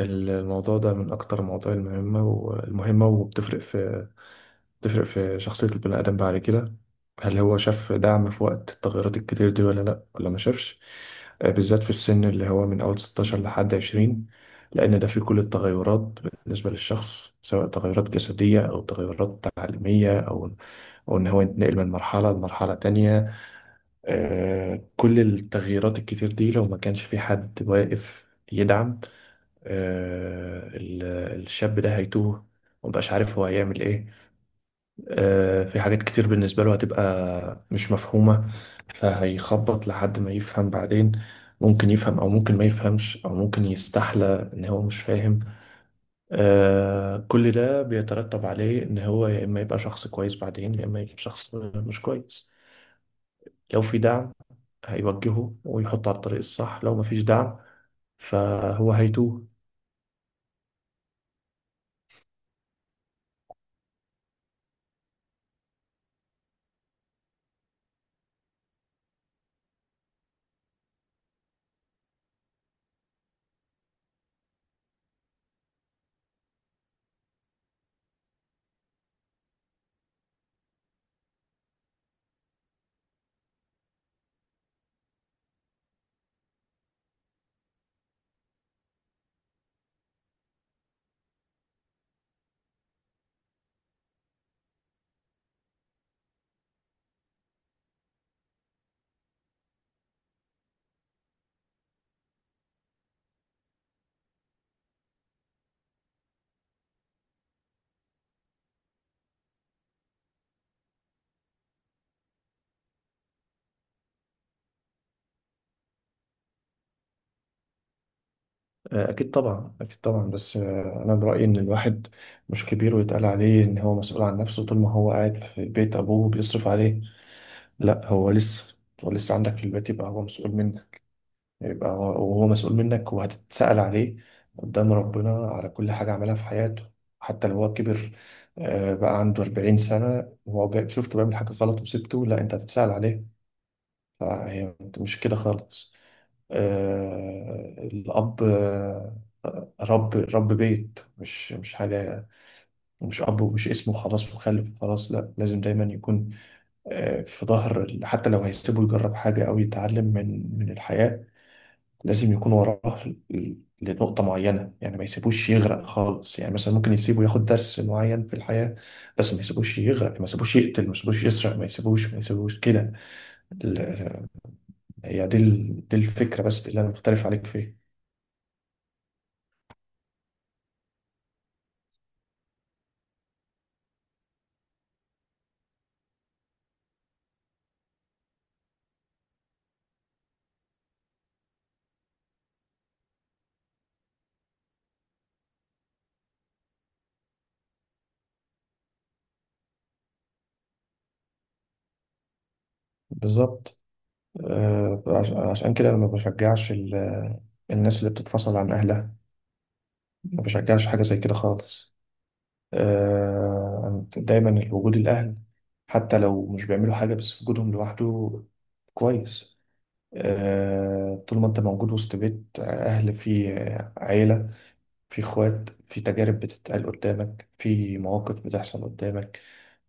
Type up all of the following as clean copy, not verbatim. الموضوع ده من أكتر المواضيع المهمة وبتفرق في بتفرق في شخصية البني آدم بعد كده. هل هو شاف دعم في وقت التغيرات الكتير دي ولا لأ ولا ما شافش؟ بالذات في السن اللي هو من أول 16 لحد 20، لأن ده فيه كل التغيرات بالنسبة للشخص، سواء تغيرات جسدية أو تغيرات تعليمية أو أو إن هو ينتقل من مرحلة لمرحلة تانية. كل التغييرات الكتير دي لو ما كانش في حد واقف يدعم، آه، ال- الشاب ده هيتوه ومبقاش عارف هو هيعمل ايه. في حاجات كتير بالنسبة له هتبقى مش مفهومة، فهيخبط لحد ما يفهم بعدين. ممكن يفهم او ممكن ما يفهمش او ممكن يستحلى ان هو مش فاهم. كل ده بيترتب عليه ان هو يا اما يبقى شخص كويس بعدين يا اما يبقى شخص مش كويس. لو في دعم هيوجهه ويحطه على الطريق الصح، لو مفيش دعم فهو هيتوه. أكيد طبعا، أكيد طبعا، بس أنا برأيي إن الواحد مش كبير ويتقال عليه إن هو مسؤول عن نفسه طول ما هو قاعد في بيت أبوه بيصرف عليه. لأ، هو لسه هو لسه عندك في البيت، يبقى هو مسؤول منك. يبقى هو وهو مسؤول منك وهتتسأل عليه قدام ربنا على كل حاجة عملها في حياته. حتى لو هو كبر، بقى عنده 40 سنة وهو شفته بيعمل حاجة غلط وسبته، لأ أنت هتتسأل عليه. فهي مش كده خالص. الأب رب بيت، مش حاجة، مش أب ومش اسمه خلاص وخلف وخلاص. لا، لازم دايما يكون في ظهر حتى لو هيسيبه يجرب حاجة أو يتعلم من الحياة، لازم يكون وراه ل- لنقطة معينة. يعني ما يسيبوش يغرق خالص، يعني مثلا ممكن يسيبه ياخد درس معين في الحياة بس ما يسيبوش يغرق، ما يسيبوش يقتل، ما يسيبوش يسرق، ما يسيبوش ما يسيبوش كده. ال- دي الفكرة بس اللي أنا مختلف عليك فيها. بالظبط. عشان كده أنا ما بشجعش الناس اللي بتتفصل عن أهلها. ما بشجعش حاجة زي كده خالص. دايما وجود الأهل حتى لو مش بيعملوا حاجة، بس وجودهم لوحده كويس. طول ما أنت موجود وسط بيت أهل، فيه عيلة، فيه إخوات، فيه تجارب بتتقال قدامك، فيه مواقف بتحصل قدامك،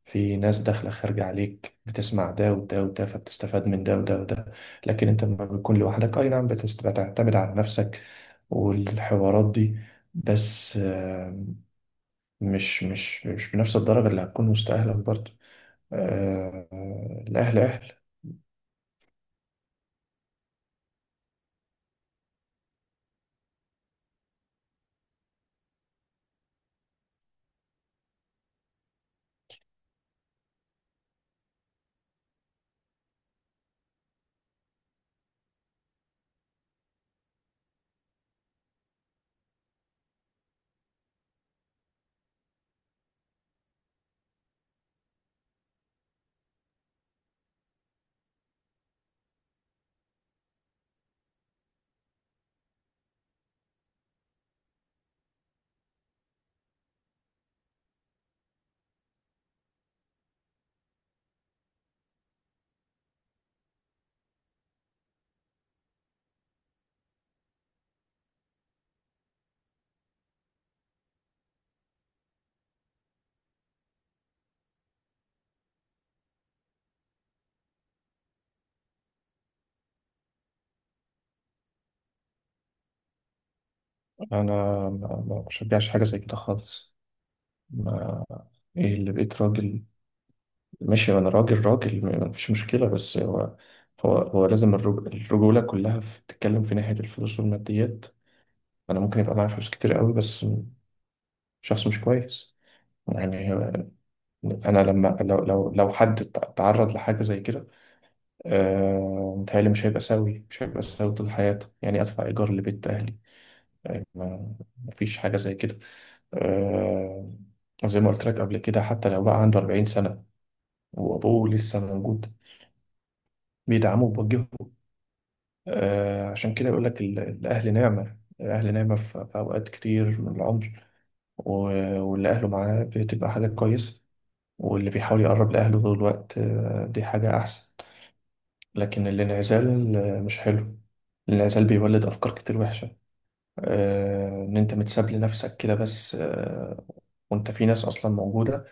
في ناس داخلة خارجة عليك، بتسمع ده وده وده فبتستفاد من ده وده وده. لكن انت لما بتكون لوحدك اي نعم بتعتمد على نفسك والحوارات دي، بس مش بنفس الدرجة اللي هتكون وسط أهلك برضه. آه، الأهل أهل. أنا ما بشجعش حاجة زي كده خالص. ما إيه اللي بقيت راجل؟ ماشي أنا راجل راجل، ما فيش مشكلة، بس هو هو لازم الرجولة كلها بتتكلم في ناحية الفلوس والماديات. انا ممكن يبقى معايا فلوس كتير قوي بس شخص مش كويس يعني. انا لما لو لو حد تعرض لحاجه زي كده، متهيألي مش هيبقى سوي، مش هيبقى سوي طول حياته. يعني ادفع ايجار لبيت اهلي؟ ما مفيش حاجه زي كده. آه، زي ما قلت لك قبل كده، حتى لو بقى عنده 40 سنه وابوه لسه موجود بيدعمه وبيوجهه. عشان كده يقول لك الاهل نعمه، الاهل نعمه في في اوقات كتير من العمر. واللي اهله معاه بتبقى حاجات كويسه، واللي بيحاول يقرب لأهله طول الوقت، دي حاجة أحسن. لكن الانعزال مش حلو. الانعزال بيولد أفكار كتير وحشة. إن أنت متساب لنفسك كده، بس وأنت في ناس أصلا موجودة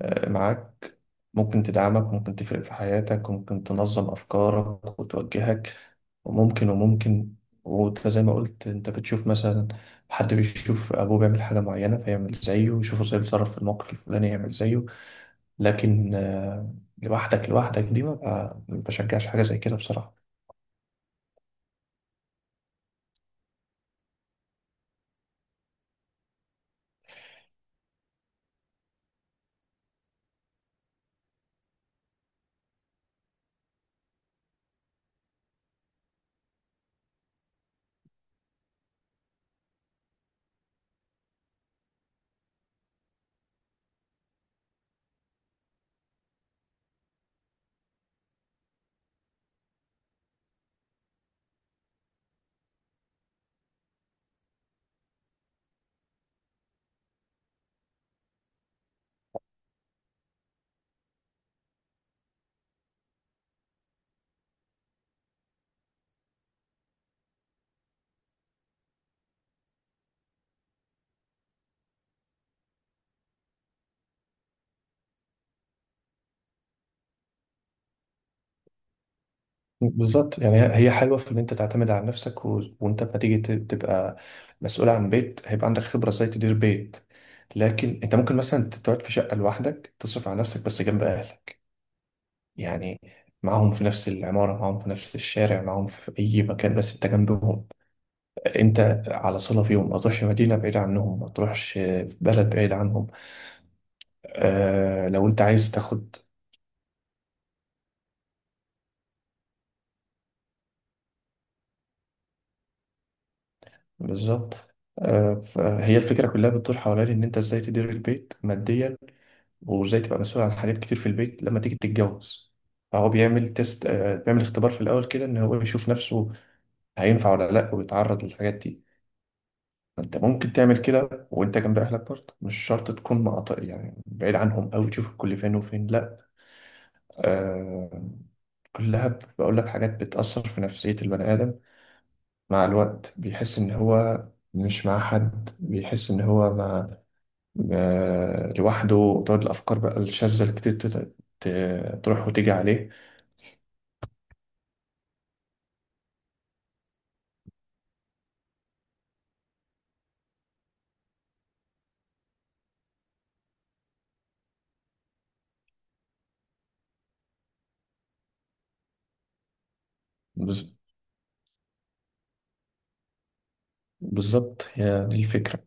معاك، ممكن تدعمك وممكن تفرق في حياتك وممكن تنظم أفكارك وتوجهك، وممكن وممكن. وانت زي ما قلت، انت بتشوف مثلا حد بيشوف ابوه بيعمل حاجه معينه فيعمل زيه، ويشوفه ازاي بيتصرف في الموقف الفلاني يعمل زيه. لكن لوحدك دي ما بشجعش حاجة زي كده بصراحة. بالظبط. يعني هي حلوة في إن أنت تعتمد على نفسك و... وأنت لما تيجي تبقى مسؤول عن بيت، هيبقى عندك خبرة إزاي تدير بيت. لكن أنت ممكن مثلا تقعد في شقة لوحدك تصرف على نفسك بس جنب أهلك يعني، معاهم في نفس العمارة، معاهم في نفس الشارع، معاهم في أي مكان بس أنت جنبهم، أنت على صلة فيهم. ما تروحش مدينة بعيدة عنهم، ما تروحش في بلد بعيد عنهم. آه لو أنت عايز تاخد. بالظبط. فهي الفكرة كلها بتدور حوالين إن أنت إزاي تدير البيت ماديا، وإزاي تبقى مسؤول عن حاجات كتير في البيت لما تيجي تتجوز. فهو بيعمل تيست، بيعمل اختبار في الأول كده، إن هو يشوف نفسه هينفع ولا لأ ويتعرض للحاجات دي. فأنت ممكن تعمل كده وأنت جنب أهلك برضه، مش شرط تكون مقاطع يعني بعيد عنهم أوي، تشوف الكل فين وفين، لأ. آه، كلها بقول لك حاجات بتأثر في نفسية البني آدم. مع الوقت بيحس إن هو مش مع حد، بيحس إن هو مع لوحده، تقعد الأفكار بقى الشاذة اللي كتير تروح وتيجي عليه. بز- بالظبط، هي دي الفكرة.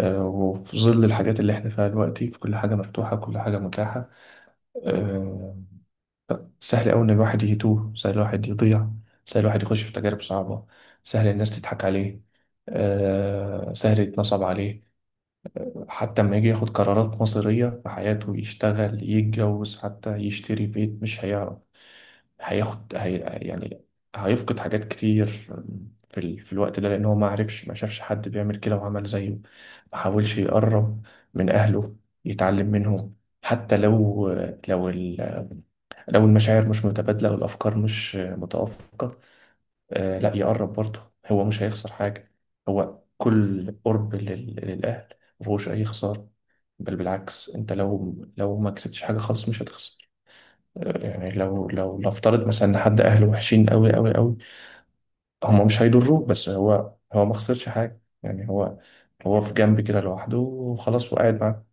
وفي ظل الحاجات اللي احنا فيها دلوقتي، في كل حاجة مفتوحة كل حاجة متاحة، آه، سهل أوي إن الواحد يتوه، سهل الواحد يضيع، سهل الواحد يخش في تجارب صعبة، سهل الناس تضحك عليه، سهل يتنصب عليه. حتى لما يجي ياخد قرارات مصيرية في حياته، يشتغل، يتجوز، حتى يشتري بيت، مش هيعرف هياخد هي يعني هيفقد حاجات كتير في, في الوقت ده، لأن هو ما عرفش، ما شافش حد بيعمل كده وعمل زيه، ما حاولش يقرب من أهله يتعلم منهم. حتى لو لو ال... لو المشاعر مش متبادلة والأفكار مش متوافقة، آه لا يقرب برضه، هو مش هيخسر حاجة. هو كل قرب للأهل مفهوش أي خسارة، بل بالعكس. أنت لو لو ما كسبتش حاجة خالص مش هتخسر. يعني لو نفترض مثلا ان حد اهله وحشين قوي قوي قوي، هم مش هيضروك، بس هو ما خسرش حاجه يعني، هو هو في جنب كده لوحده وخلاص وقاعد معاك.